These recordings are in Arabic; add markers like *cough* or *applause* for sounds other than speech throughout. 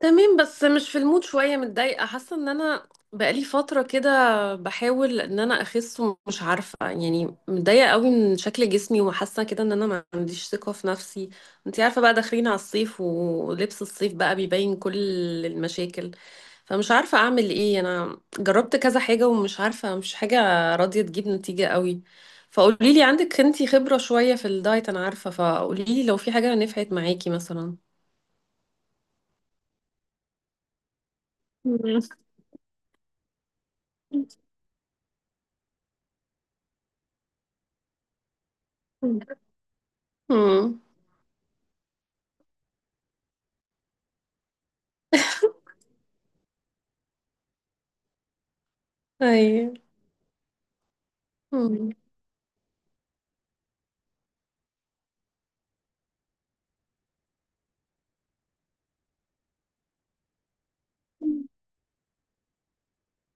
تمام، بس مش في المود شوية. متضايقة، حاسة ان انا بقالي فترة كده بحاول ان انا اخس، ومش عارفة يعني. متضايقة قوي من شكل جسمي، وحاسة كده ان انا ما عنديش ثقة في نفسي. انتي عارفة بقى، داخلين على الصيف ولبس الصيف بقى بيبين كل المشاكل. فمش عارفة اعمل ايه. انا جربت كذا حاجة ومش عارفة، مش حاجة راضية تجيب نتيجة قوي. فقوليلي، عندك انتي خبرة شوية في الدايت انا عارفة، فقوليلي لو في حاجة نفعت معاكي مثلا. مم. ايوه. أمم.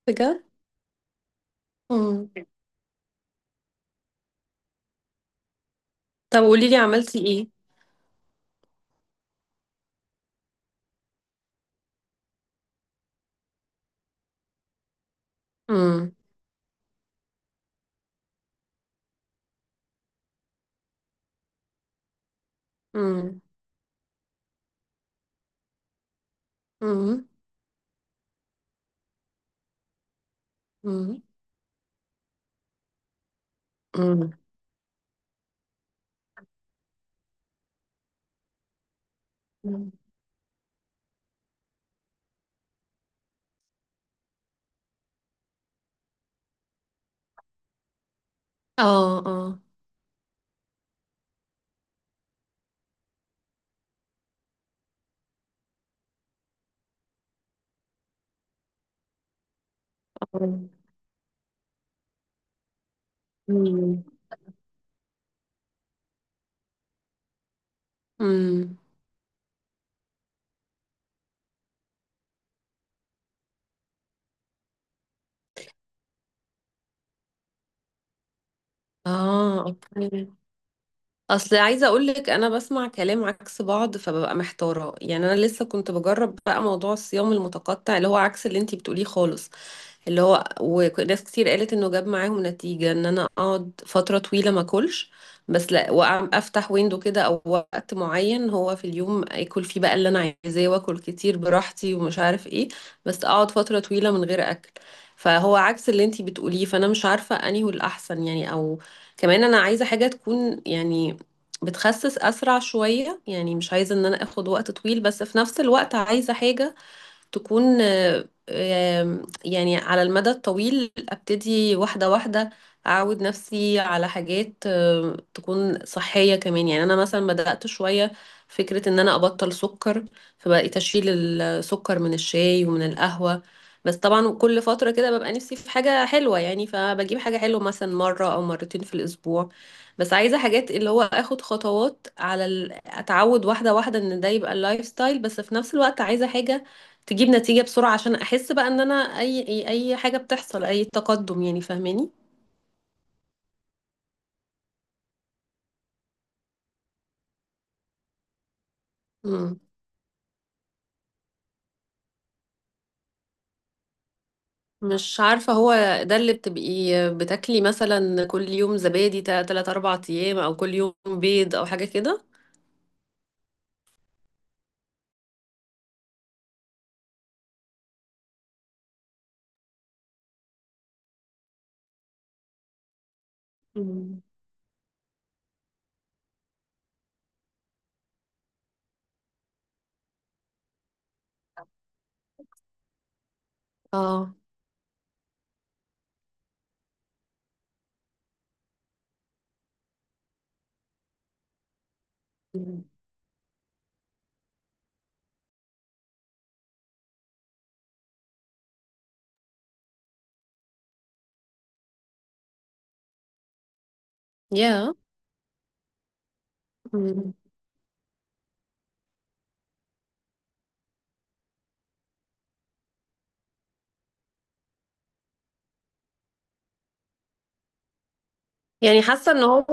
بجد؟ أمم. طب قولي لي عملتي ايه؟ أمم. أمم. أمم. أمم. أمم. أمم. اه، اه. اه. أمم. أمم. اه، اوكي. اصل عايزه اقول لك، انا بسمع كلام عكس بعض فببقى محتاره. يعني انا لسه كنت بجرب بقى موضوع الصيام المتقطع، اللي هو عكس اللي انتي بتقوليه خالص. اللي هو وناس كتير قالت انه جاب معاهم نتيجة ان انا اقعد فترة طويلة ما اكلش. بس لا، افتح ويندو كده او وقت معين هو في اليوم اكل فيه بقى اللي انا عايزاه، واكل كتير براحتي ومش عارف ايه. بس اقعد فترة طويلة من غير اكل. فهو عكس اللي انتي بتقوليه، فانا مش عارفة انهي هو الاحسن يعني، او كمان انا عايزة حاجة تكون يعني بتخسس اسرع شوية، يعني مش عايزة ان انا اخد وقت طويل، بس في نفس الوقت عايزة حاجة تكون آه، آم، يعني على المدى الطويل، ابتدي واحدة واحدة. اعود نفسي على حاجات تكون صحية كمان. يعني انا مثلا بدأت شوية فكرة ان انا ابطل سكر. فبقيت اشيل السكر من الشاي ومن القهوة. بس طبعا كل فترة كده ببقى نفسي في حاجة حلوة، يعني فبجيب حاجة حلوة مثلا مرة او مرتين في الاسبوع. بس عايزة حاجات اللي هو اخد خطوات اتعود واحدة واحدة ان ده يبقى اللايف ستايل، بس في نفس الوقت عايزة حاجة تجيب نتيجة بسرعة، عشان أحس بقى إن أنا أي حاجة بتحصل، أي تقدم يعني. فاهماني؟ مم. مش عارفة، هو ده اللي بتبقي بتاكلي مثلا كل يوم زبادي تلات أربع أيام، أو كل يوم بيض، أو حاجة كده؟ مم. اه. مم. يا yeah. يعني حاسة ان هو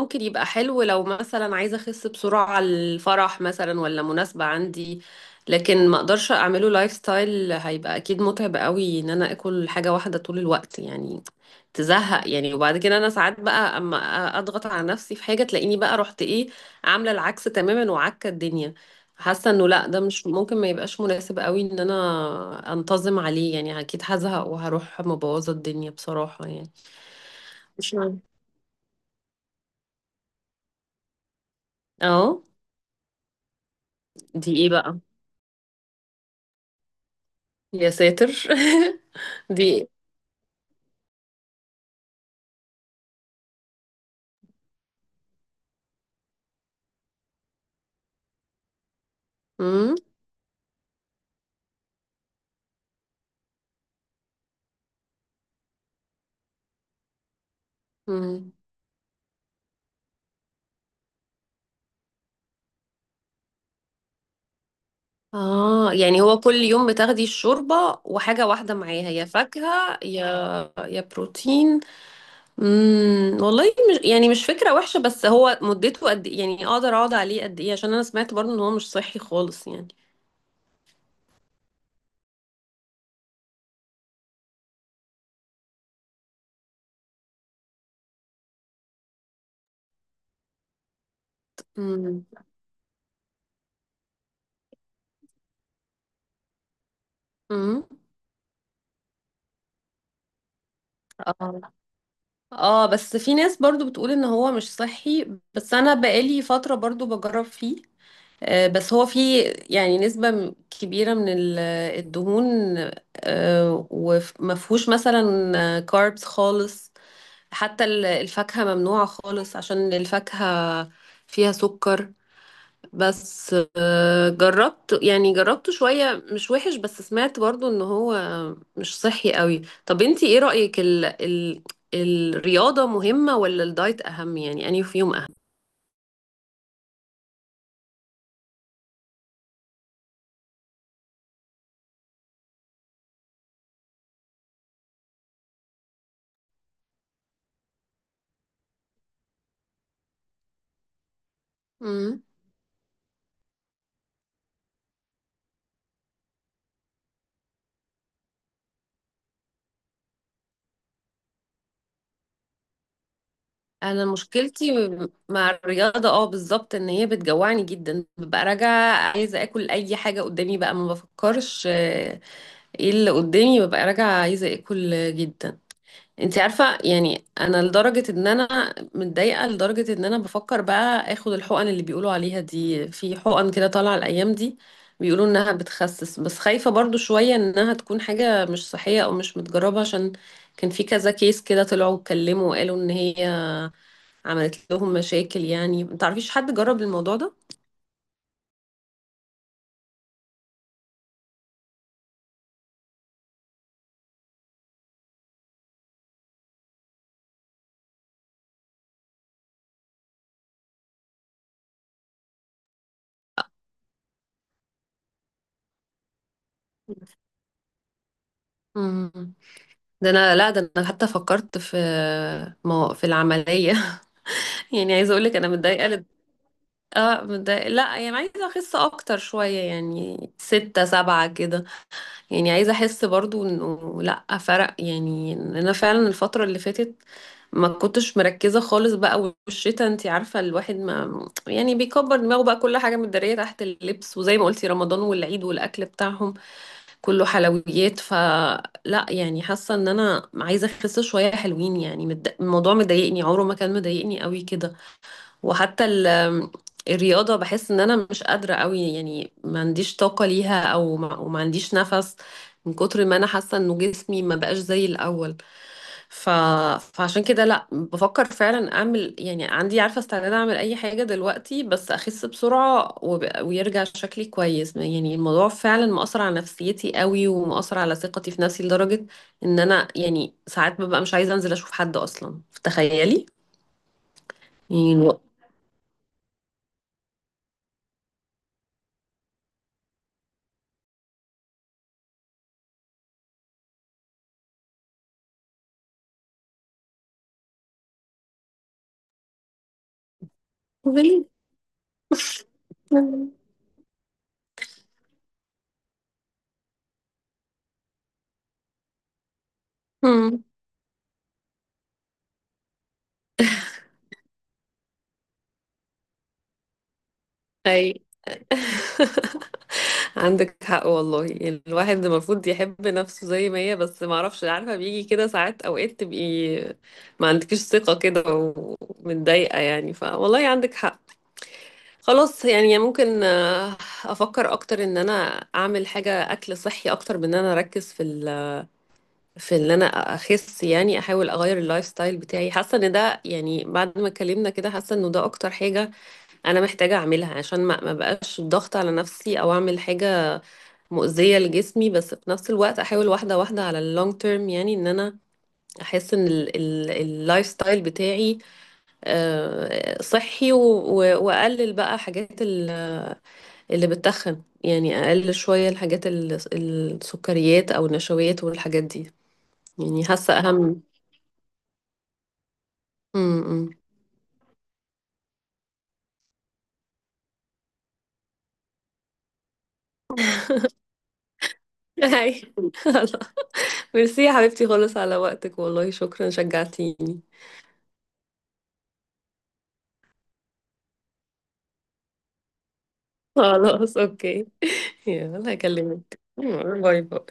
ممكن يبقى حلو لو مثلا عايزة اخس بسرعة على الفرح مثلا، ولا مناسبة عندي. لكن ما اقدرش اعمله لايف ستايل، هيبقى اكيد متعب قوي ان انا اكل حاجة واحدة طول الوقت يعني. تزهق يعني. وبعد كده انا ساعات بقى اما اضغط على نفسي في حاجة، تلاقيني بقى رحت ايه، عاملة العكس تماما وعكة الدنيا. حاسة انه لا، ده مش ممكن، ما يبقاش مناسب قوي ان انا انتظم عليه يعني، اكيد هزهق وهروح مبوظة الدنيا بصراحة يعني. مش عارفة. اه. دي ايه بقى؟ يا ساتر! *laughs* دي ايه؟ مم؟ مم. اه، يعني هو كل يوم بتاخدي الشوربة وحاجة واحدة معاها، يا فاكهة، يا بروتين. مم. والله، مش يعني مش فكرة وحشة، بس هو مدته قد ايه يعني؟ اقدر اقعد عليه قد ايه؟ عشان انا سمعت برضو ان هو مش صحي خالص يعني. مم. مم. اه، اه. بس في ناس برضو بتقول ان هو مش صحي. بس انا بقالي فترة برضو بجرب فيه. بس هو في يعني نسبة كبيرة من الدهون، ومفهوش مثلا كاربس خالص. حتى الفاكهة ممنوعة خالص، عشان الفاكهة فيها سكر. بس جربت، يعني جربته شوية مش وحش، بس سمعت برضو ان هو مش صحي قوي. طب انتي ايه رأيك، ال ال الرياضة مهمة ولا الدايت أهم؟ يعني أنهي فيهم أهم؟ انا مشكلتي مع الرياضه، اه بالظبط، ان هي بتجوعني جدا، ببقى راجعه عايزه اكل اي حاجه قدامي بقى، ما بفكرش ايه اللي قدامي. ببقى راجعه عايزه اكل جدا. انت عارفه يعني، انا لدرجه ان انا متضايقه، لدرجه ان انا بفكر بقى اخد الحقن اللي بيقولوا عليها دي، في حقن كده طالعه الايام دي بيقولوا انها بتخسس، بس خايفه برضو شويه انها تكون حاجه مش صحيه او مش متجربه، عشان كان في كذا كيس كده طلعوا اتكلموا وقالوا ان هي عملت لهم مشاكل يعني. ما تعرفيش حد جرب الموضوع ده؟ مم. ده انا، لا ده انا حتى فكرت في العمليه. *laughs* يعني عايزه اقول لك انا متضايقه اه متضايقه، لا يعني عايزه اخس اكتر شويه، يعني ستة سبعة كده. يعني عايزه احس برضو انه لا، فرق يعني إن انا فعلا الفتره اللي فاتت ما كنتش مركزه خالص بقى، والشتا انت عارفه، الواحد ما يعني بيكبر دماغه بقى كل حاجه متداريه تحت اللبس، وزي ما قلتي رمضان والعيد والاكل بتاعهم كله حلويات. فلا يعني، حاسة ان انا عايزة اخس شوية حلوين يعني الموضوع مضايقني، عمره ما كان مضايقني قوي كده. وحتى الرياضة بحس ان انا مش قادرة قوي يعني، ما عنديش طاقة ليها، او ما, وما عنديش نفس من كتر ما انا حاسة انه جسمي ما بقاش زي الاول. ف... فعشان كده لا، بفكر فعلا اعمل يعني، عندي عارفة استعداد اعمل اي حاجة دلوقتي بس اخس بسرعة ويرجع شكلي كويس يعني. الموضوع فعلا مؤثر على نفسيتي قوي، ومؤثر على ثقتي في نفسي لدرجة ان انا يعني ساعات ببقى مش عايزة انزل اشوف حد اصلا. تخيلي! يعني الوقت. مم. اي. *laughs* عندك حق والله. الواحد المفروض يحب نفسه زي ما هي، بس ما اعرفش، عارفه بيجي كده ساعات، اوقات تبقي ما عندكيش ثقه كده ومتضايقه يعني. فوالله عندك حق. خلاص يعني. ممكن افكر اكتر ان انا اعمل حاجه، اكل صحي اكتر من ان انا اركز في ان انا اخس يعني. احاول اغير اللايف ستايل بتاعي، حاسه ان ده يعني بعد ما اتكلمنا كده، حاسه انه ده اكتر حاجه انا محتاجة اعملها، عشان ما بقاش ضغط على نفسي او اعمل حاجة مؤذية لجسمي. بس في نفس الوقت احاول واحدة واحدة على اللونج تيرم، يعني ان انا احس ان اللايف ستايل بتاعي صحي، واقلل بقى حاجات اللي بتتخن، يعني اقلل شوية الحاجات السكريات او النشويات والحاجات دي. يعني حاسة اهم. امم. *laughs* هاي. *laughs* ميرسي يا حبيبتي خالص على وقتك، والله شكرا، شجعتيني. خلاص، اوكي. *laughs* يلا هكلمك. باي باي.